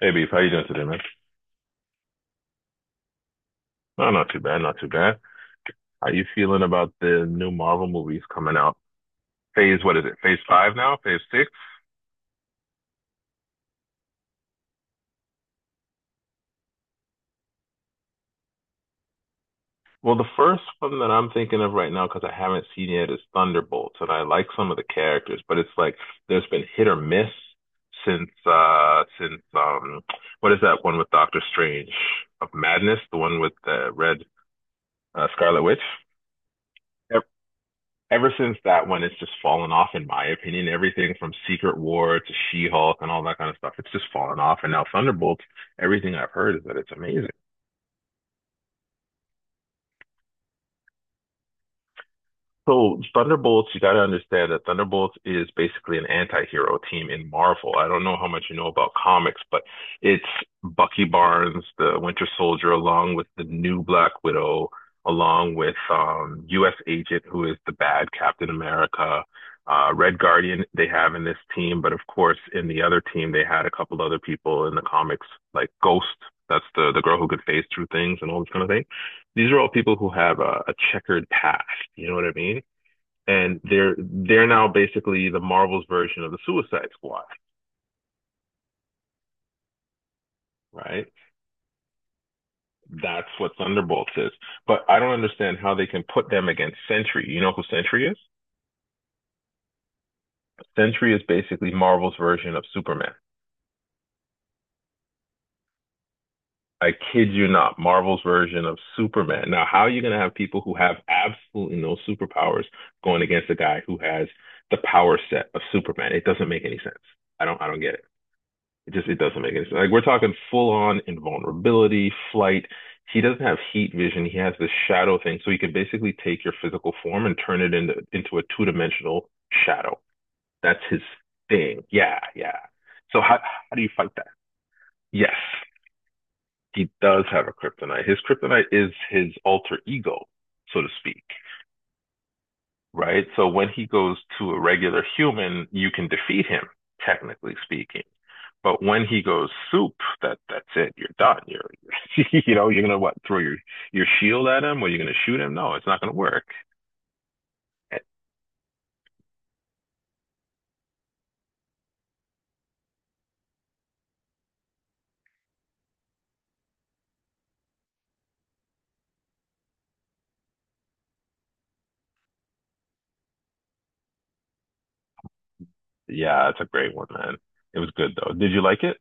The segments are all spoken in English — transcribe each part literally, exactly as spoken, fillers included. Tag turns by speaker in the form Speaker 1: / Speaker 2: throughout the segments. Speaker 1: Hey, Beef, how you doing today, man? No, not too bad, not too bad. How you feeling about the new Marvel movies coming out? Phase, what is it? Phase five now? Phase six? Well, the first one that I'm thinking of right now, because I haven't seen yet, is Thunderbolts, and I like some of the characters, but it's like there's been hit or miss since uh since um what is that one with Doctor Strange of Madness, the one with the red uh, Scarlet Witch? Ev- ever since that one, it's just fallen off, in my opinion. Everything from Secret War to She-Hulk and all that kind of stuff, it's just fallen off. And now Thunderbolts, everything I've heard is that it's amazing. So Thunderbolts, you got to understand that Thunderbolts is basically an anti-hero team in Marvel. I don't know how much you know about comics, but it's Bucky Barnes, the Winter Soldier, along with the new Black Widow, along with um, U S. Agent, who is the bad Captain America. Uh, Red Guardian they have in this team, but of course in the other team they had a couple other people in the comics like Ghost. That's the the girl who could phase through things and all this kind of thing. These are all people who have a, a checkered past. You know what I mean? And they're they're now basically the Marvel's version of the Suicide Squad, right? That's what Thunderbolts is. But I don't understand how they can put them against Sentry. You know who Sentry is? Sentry is basically Marvel's version of Superman. I kid you not, Marvel's version of Superman. Now, how are you going to have people who have absolutely no superpowers going against a guy who has the power set of Superman? It doesn't make any sense. I don't I don't get it. It just it doesn't make any sense. Like we're talking full on invulnerability, flight. He doesn't have heat vision. He has this shadow thing, so he can basically take your physical form and turn it into into a two dimensional shadow. That's his thing. Yeah, yeah. So how how do you fight that? Yes, he does have a kryptonite. His kryptonite is his alter ego, so to speak. Right? So when he goes to a regular human, you can defeat him, technically speaking. But when he goes soup, that that's it. You're done. You're, you're you know, you're gonna what, throw your your shield at him or you're gonna shoot him? No, it's not gonna work. Yeah, it's a great one, man. It was good though. Did you like it?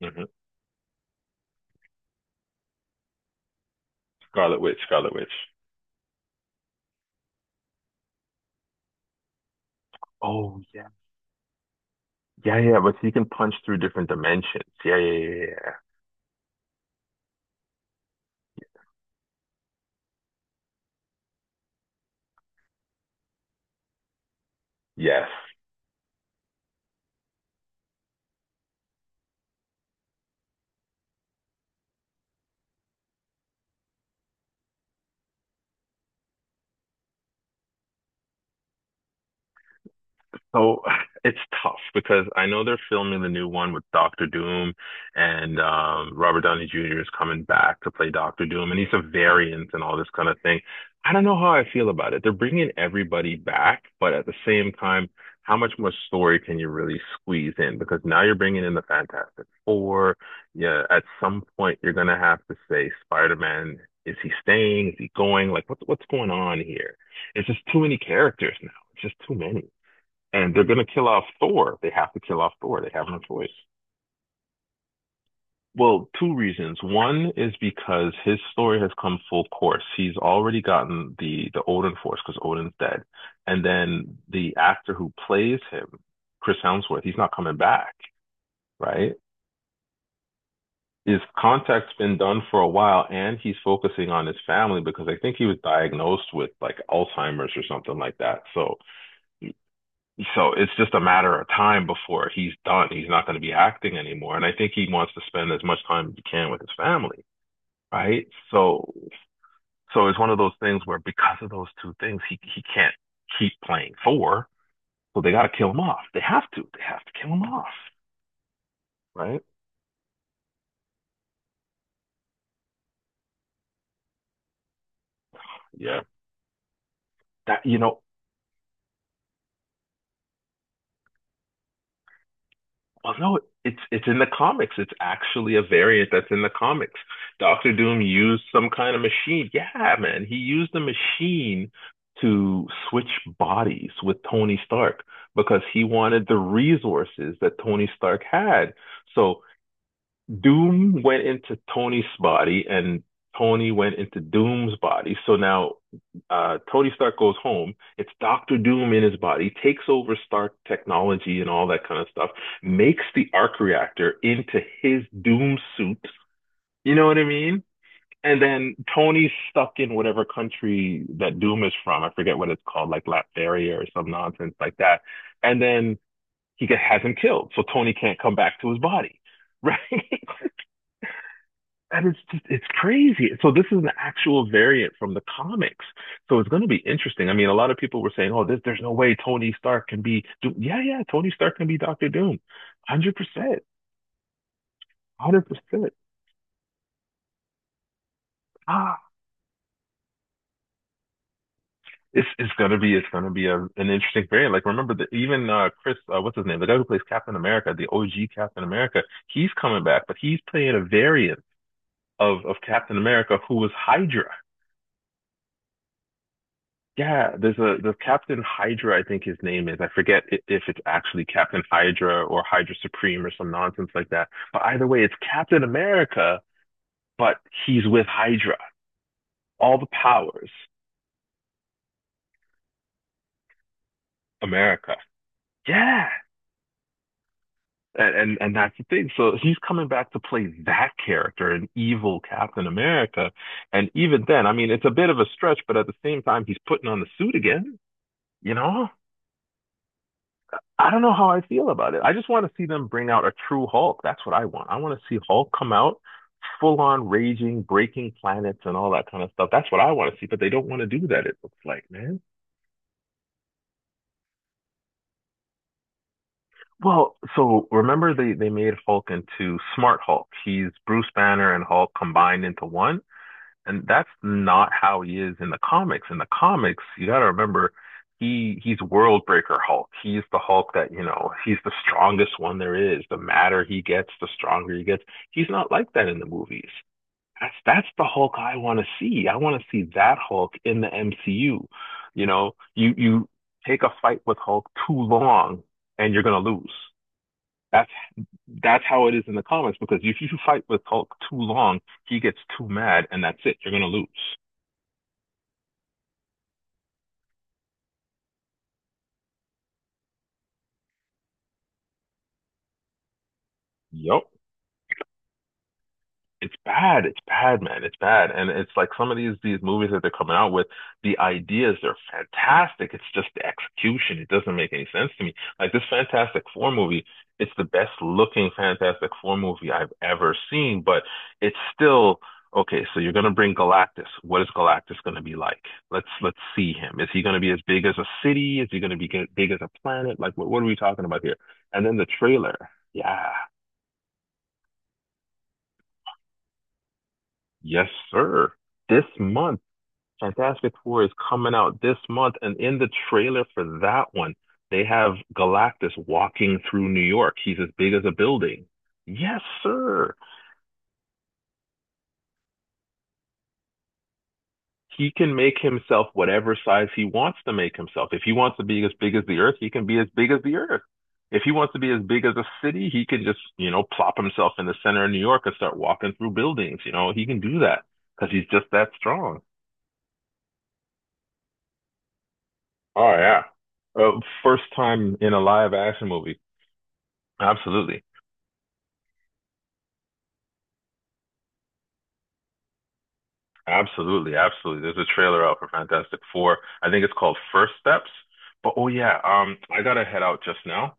Speaker 1: Hmm. Scarlet Witch, Scarlet Witch. Oh yeah. Yeah, yeah, but he can punch through different dimensions. Yeah, yeah, yeah, yeah. Yes. So it's tough because I know they're filming the new one with Doctor Doom, and um, Robert Downey Junior is coming back to play Doctor Doom, and he's a variant and all this kind of thing. I don't know how I feel about it. They're bringing everybody back, but at the same time, how much more story can you really squeeze in? Because now you're bringing in the Fantastic Four. Yeah, at some point you're gonna have to say Spider-Man. Is he staying? Is he going? Like, what, what's going on here? It's just too many characters now. It's just too many, and they're going to kill off Thor. They have to kill off Thor. They have no choice. Well, two reasons. One is because his story has come full course. He's already gotten the the Odin force because Odin's dead, and then the actor who plays him, Chris Hemsworth, he's not coming back, right? His contact's been done for a while, and he's focusing on his family because I think he was diagnosed with like Alzheimer's or something like that. So so it's just a matter of time before he's done. He's not going to be acting anymore, and I think he wants to spend as much time as he can with his family, right? So, so it's one of those things where because of those two things, he he can't keep playing four, so they got to kill him off. They have to. They have to kill him off, right? Yeah. That you know, well, no, it's it's in the comics. It's actually a variant that's in the comics. Doctor Doom used some kind of machine. Yeah, man, he used a machine to switch bodies with Tony Stark because he wanted the resources that Tony Stark had. So Doom went into Tony's body and Tony went into Doom's body. So now uh, Tony Stark goes home. It's Doctor Doom in his body, takes over Stark technology and all that kind of stuff, makes the arc reactor into his Doom suit. You know what I mean? And then Tony's stuck in whatever country that Doom is from. I forget what it's called, like Latveria or some nonsense like that. And then he get, has him killed. So Tony can't come back to his body, right? And it's just, it's crazy. So this is an actual variant from the comics. So it's going to be interesting. I mean, a lot of people were saying, "Oh, this, there's no way Tony Stark can be Doom." Yeah, yeah, Tony Stark can be Doctor Doom, one hundred percent, one hundred percent. Ah, it's it's going to be it's going to be a, an interesting variant. Like remember that even uh, Chris, uh, what's his name, the guy who plays Captain America, the O G Captain America, he's coming back, but he's playing a variant of of Captain America who was Hydra. Yeah, there's a the Captain Hydra, I think his name is. I forget i- if it's actually Captain Hydra or Hydra Supreme or some nonsense like that. But either way, it's Captain America, but he's with Hydra. All the powers, America. Yeah. And, and and that's the thing. So he's coming back to play that character, an evil Captain America. And even then, I mean, it's a bit of a stretch, but at the same time, he's putting on the suit again, you know? I don't know how I feel about it. I just want to see them bring out a true Hulk. That's what I want. I want to see Hulk come out full on raging, breaking planets and all that kind of stuff. That's what I want to see, but they don't want to do that, it looks like, man. Well, so remember they, they made Hulk into Smart Hulk. He's Bruce Banner and Hulk combined into one. And that's not how he is in the comics. In the comics, you got to remember, he he's Worldbreaker Hulk. He's the Hulk that you know. He's the strongest one there is. The madder he gets, the stronger he gets. He's not like that in the movies. That's that's the Hulk I want to see. I want to see that Hulk in the M C U. You know, you you take a fight with Hulk too long and you're gonna lose. That's that's how it is in the comics because if you fight with Hulk too long, he gets too mad and that's it. You're gonna lose. Yep. It's bad. It's bad, man. It's bad. And it's like some of these these movies that they're coming out with, the ideas are fantastic. It's just the execution. It doesn't make any sense to me. Like this Fantastic Four movie, it's the best looking Fantastic Four movie I've ever seen, but it's still okay, so you're gonna bring Galactus. What is Galactus gonna be like? Let's let's see him. Is he gonna be as big as a city? Is he gonna be g- big as a planet? Like what, what are we talking about here? And then the trailer. Yeah. Yes, sir. This month Fantastic Four is coming out this month, and in the trailer for that one, they have Galactus walking through New York. He's as big as a building. Yes, sir. He can make himself whatever size he wants to make himself. If he wants to be as big as the Earth, he can be as big as the Earth. If he wants to be as big as a city, he can just, you know, plop himself in the center of New York and start walking through buildings. You know, he can do that because he's just that strong. Oh, yeah. Uh, first time in a live action movie. Absolutely. Absolutely, absolutely. There's a trailer out for Fantastic Four. I think it's called First Steps. But oh yeah, um, I gotta head out just now.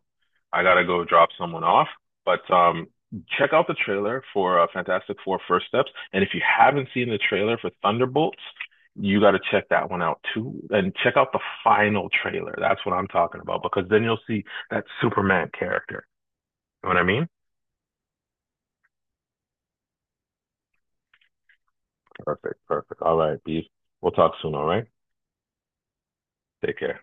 Speaker 1: I gotta go drop someone off. But um, check out the trailer for uh, Fantastic Four First Steps. And if you haven't seen the trailer for Thunderbolts, you gotta check that one out too. And check out the final trailer. That's what I'm talking about because then you'll see that Superman character. You know what I mean? Perfect, perfect. All right, Beef. We'll talk soon, all right? Take care.